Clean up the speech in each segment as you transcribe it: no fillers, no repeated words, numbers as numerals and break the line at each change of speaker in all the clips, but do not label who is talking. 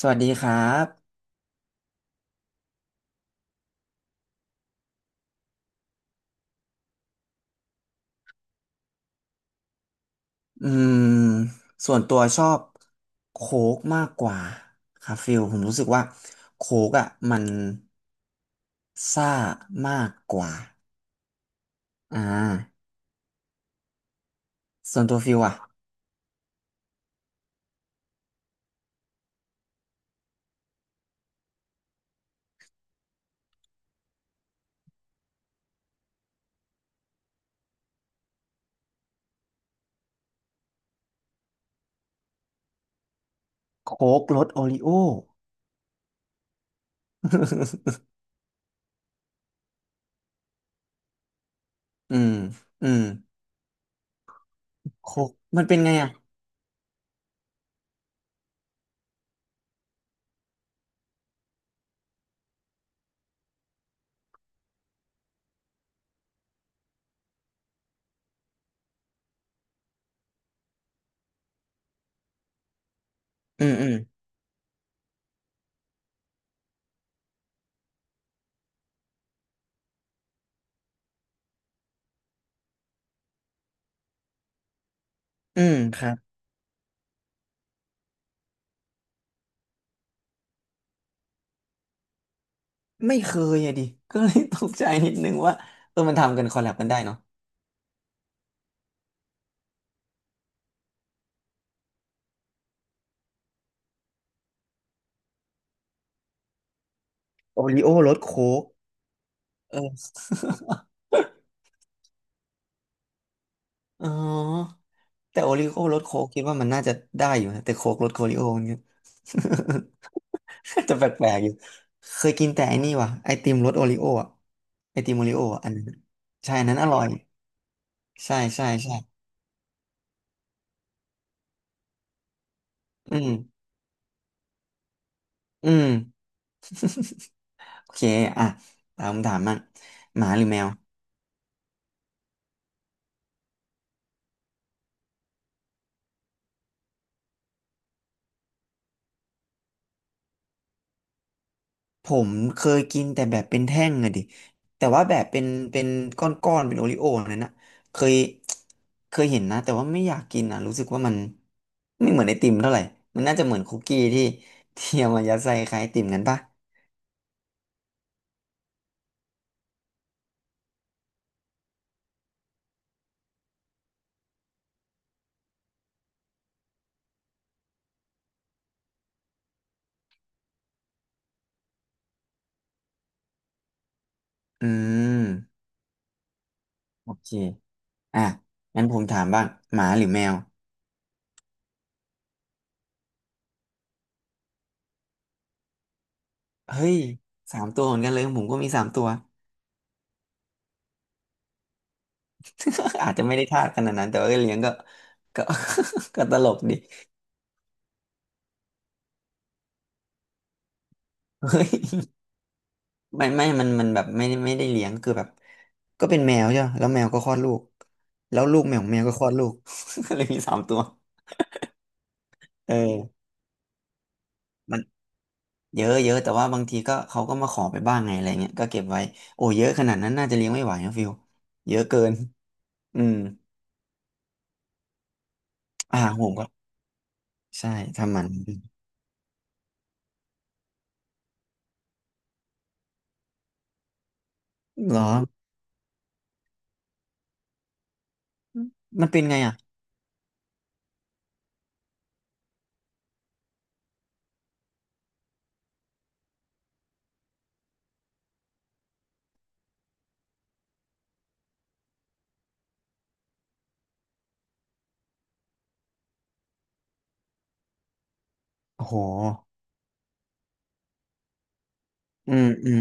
สวัสดีครับ อืม ส่วนตัวชอบโค้กมากกว่าครับฟิลผมรู้สึกว่าโค้กอ่ะมันซ่ามากกว่าอ่าส่วนตัวฟิลอ่ะโค้กรสโอริโอ อืมอืมโค้กมันเป็นไงอ่ะอืมอืมครับไม่เคยอะดิก็เลยตกใจนิดนึงว่าเออมันทำกันคอลแลบกันได้เนาะโอริโอรสโค้กเออ อ๋อ แต่โอริโอ้รสโค้กคิดว่ามันน่าจะได้อยู่นะแต่โค้กรสโอริโอมันก็ จะแปลกๆอยู่เคยกินแต่ไอ้นี่ว่ะไอติมรสโอริโออ่ะไอติมโอริโออะอันนั้นใช่อันนั้นอร่อยใช่ใช่ใช่อืมอืมโอเคอ่ะตามคำถามมั่งหมาหรือแมว ผมเคยกินแต่แบบเป็นแท่งอะดิแต่ว่าแบบเป็นเป็นก้อนๆเป็นโอริโอ้นั่นนะเคยเห็นนะแต่ว่าไม่อยากกินอ่ะรู้สึกว่ามันไม่เหมือนไอติมเท่าไหร่มันน่าจะเหมือนคุกกี้ที่เอามายัดใส่คล้ายไอติมกันปะอืมโอเคอ่ะงั้นผมถามบ้างหมาหรือแมวเฮ้ยสามตัวเหมือนกันเลยของผมก็มีสามตัว อาจจะไม่ได้ทาสขนาดนั้นแต่ว่าเลี้ยงก็ก็ ก็ตลกดิเฮ้ย ไม่มันแบบไม่ได้เลี้ยงคือแบบก็เป็นแมวใช่ปะแล้วแมวก็คลอดลูกแล้วลูกแมวของแมวก็คลอดลูก ก็เลยมีสามตัวเออมันเยอะเยอะแต่ว่าบางทีก็เขาก็มาขอไปบ้างไงอะไรเงี้ยก็เก็บไว้โอ้เยอะขนาดนั้นน่าจะเลี้ยงไม่ไหวนะฟิลเยอะเกินอืมอะหารผมก็ใช่ทำหมันเหรอมันเป็นไงอ่ะโอ้โหอืมอืม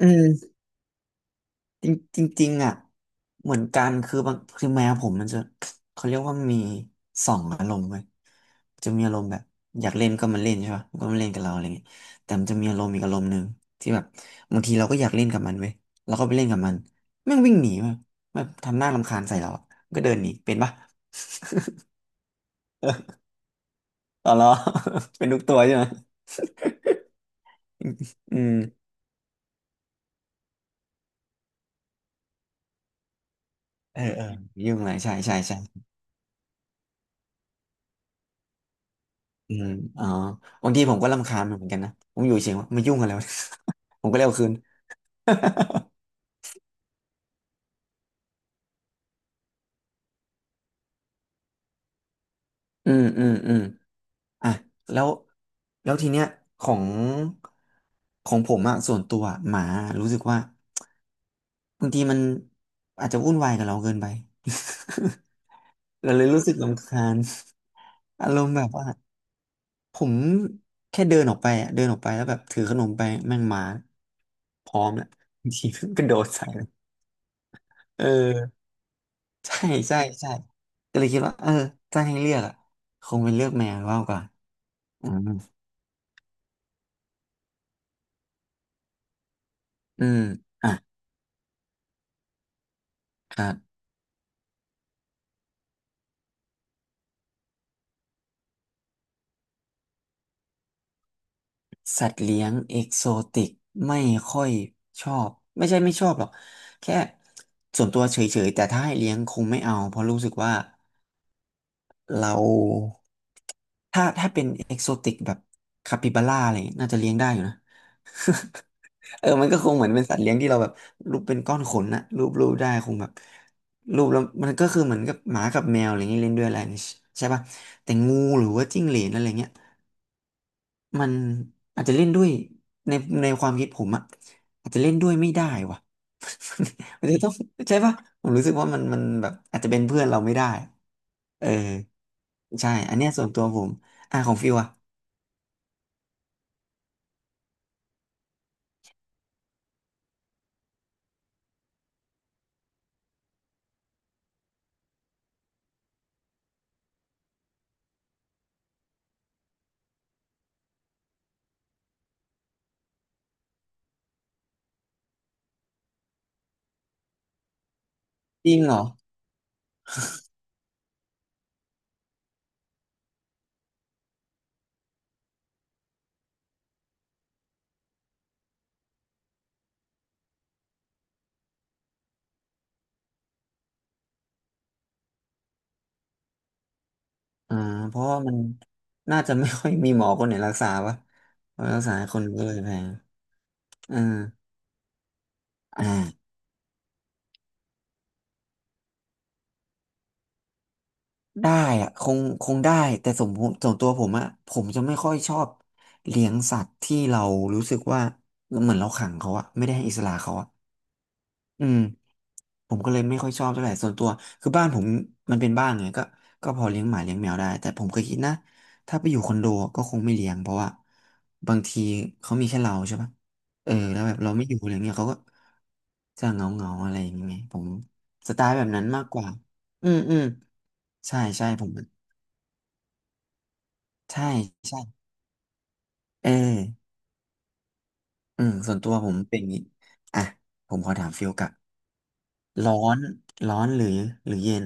อืม จริงจริงจริงอ่ะเหมือนกันคือบางคือแมวผมมันจะเขาเรียกว่ามีสองอารมณ์เว้ยจะมีอารมณ์แบบอยากเล่นก็มาเล่นใช่ป่ะก็มาเล่นกับเราอะไรเงี้ยแต่มันจะมีอารมณ์อีกอารมณ์หนึ่งที่แบบบางทีเราก็อยากเล่นกับมันเว้ยเราก็ไปเล่นกับมันแม่งวิ่งหนีมาแบบทำหน้ารำคาญใส่เราอะก็เดินหนีเป็นปะอ๋อเหรอ เป็นทุกตัวใช่ไหมอืมเออเออยุ่งอะไรใช่ใช่ใช่อืมอ๋อบางทีผมก็รำคาญมันเหมือนกันนะผมอยู่เฉยๆว่ามายุ่งอะไรวะ ผมก็เร็วคืน อืมอืมอืมอ่ะแล้วแล้วทีเนี้ยของของผมอะส่วนตัวอะหมารู้สึกว่าบางทีมันอาจจะวุ่นวายกับเราเกินไป เราเลยรู้สึกรำคาญอารมณ์แบบว่าผมแค่เดินออกไปอะเดินออกไปแล้วแบบถือขนมไปแม่งหมาพร้อมแล้วบางทีมันกระโดดใส่เลยเออใช่ใช่ใช่ก็เลยคิดว่าเออถ้าให้เลือกอะคงเป็นเลือกแมวมากกว่าอืมอืมอ่ะครับ สัตว์เลี้ยงเอกโซติกไม่ค่อยชอบไม่ใช่ไม่ชอบหรอกแค่ส่วนตัวเฉยๆแต่ถ้าให้เลี้ยงคงไม่เอาเพราะรู้สึกว่าเราถ้าเป็นเอกโซติกแบบคาปิบาร่าอะไรอย่างเงี้ยน่าจะเลี้ยงได้อยู่นะเออมันก็คงเหมือนเป็นสัตว์เลี้ยงที่เราแบบรูปเป็นก้อนขนนะรูปได้คงแบบรูปแล้วมันก็คือเหมือนกับหมากับแมวอะไรอย่างเงี้ยเล่นด้วยอะไรนี่ใช่ป่ะแต่งูหรือว่าจิ้งเหลนอะไรเงี้ย มันอาจจะเล่นด้วยในความคิดผมอะอาจจะเล่นด้วยไม่ได้ว่ะ มันจะต้องใช่ปะผมรู้สึกว่ามันแบบอาจจะเป็นเพื่อนเราไม่ได้เออใช่อันเนี้ยส่วนตัวผมอ่ะของฟิวอะจริงเหรออ่าเพราะว่ามันน่าจะไม่ค่อยมีหมอคนไหนรักษาวะเพราะรักษาคนก็เลยแพงอ่าอ่า ได้อะคงได้แต่สมผมส่วนตัวผมอะผมจะไม่ค่อยชอบเลี้ยงสัตว์ที่เรารู้สึกว่าเหมือนเราขังเขาอะไม่ได้ให้อิสระเขาอะอืมผมก็เลยไม่ค่อยชอบเท่าไหร่ส่วนตัวคือบ้านผมมันเป็นบ้านไงก็พอเลี้ยงหมาเลี้ยงแมวได้แต่ผมเคยคิดนะถ้าไปอยู่คอนโดก็คงไม่เลี้ยงเพราะว่าบางทีเขามีแค่เราใช่ปะเออแล้วแบบเราไม่อยู่อะไรเงี้ยเขาก็จะเหงาเงาอะไรอย่างเงี้ยผมสไตล์แบบนั้นมากกว่าอืมอืมใช่ผม ใช่ใช่เอออืมส่วนตัวผมเป็นอย่างนี้อ่ะผมขอถามฟิลกลับร้อนหรือเย็น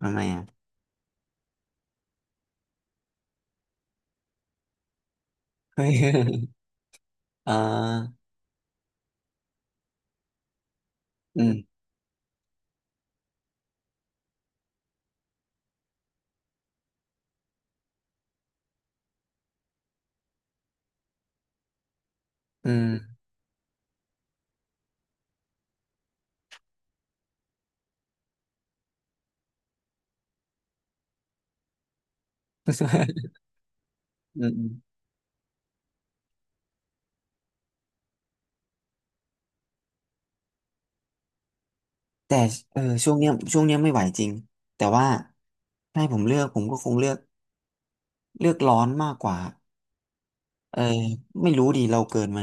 ทำไมอ่ะเฮ้ย เอออืมอืม อืมอืมแต่เออช่วงเนี้ยไม่ไหวจริงแต่ว่าถ้าให้ผมเลือกผมก็คงเลือกเลือกร้อนมากกว่า เออไม่รู้ดิเราเกิดมา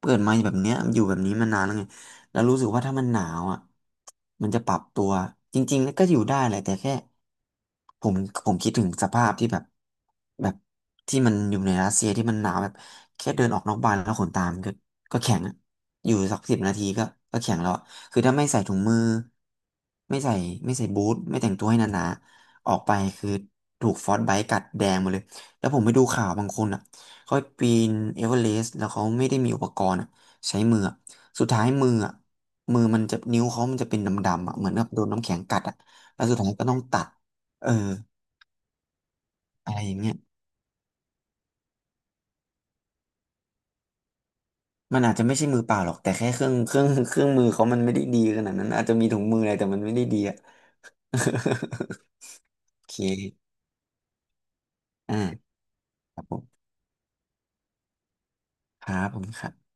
แบบเนี้ยอยู่แบบนี้มานานแล้วไงแล้วรู้สึกว่าถ้ามันหนาวอ่ะมันจะปรับตัวจริงๆก็อยู่ได้แหละแต่แค่ผมคิดถึงสภาพที่แบบแบบที่มันอยู่ในรัสเซียที่มันหนาวแบบแค่เดินออกนอกบ้านแล้วขนตามนก็แข็งอะอยู่สัก10 นาทีก็แข็งแล้วอะคือถ้าไม่ใส่ถุงมือไม่ใส่บูทไม่แต่งตัวให้หนาๆออกไปคือถูกฟรอสต์ไบต์กัดแดงหมดเลยแล้วผมไปดูข่าวบางคนอ่ะ เขาปีนเอเวอเรสต์แล้วเขาไม่ได้มีอุปกรณ์อะใช้มืออะสุดท้ายมืออะมือมันจะนิ้วเขามันจะเป็นดำๆอะเหมือนกับโดนน้ำแข็งกัดอะแล้วสุดท้ายก็ต้องตัดเอออะไรอย่างเงี้ยมันอาจจะไม่ใช่มือเปล่าหรอกแต่แค่เครื่อง เครื่องมือเขามันไม่ได้ดีขนาดนั้นอาจจะมีถุงมืออะไรแต่มันไม่ได้ดีอะ โอเคอ่าครับผมครับ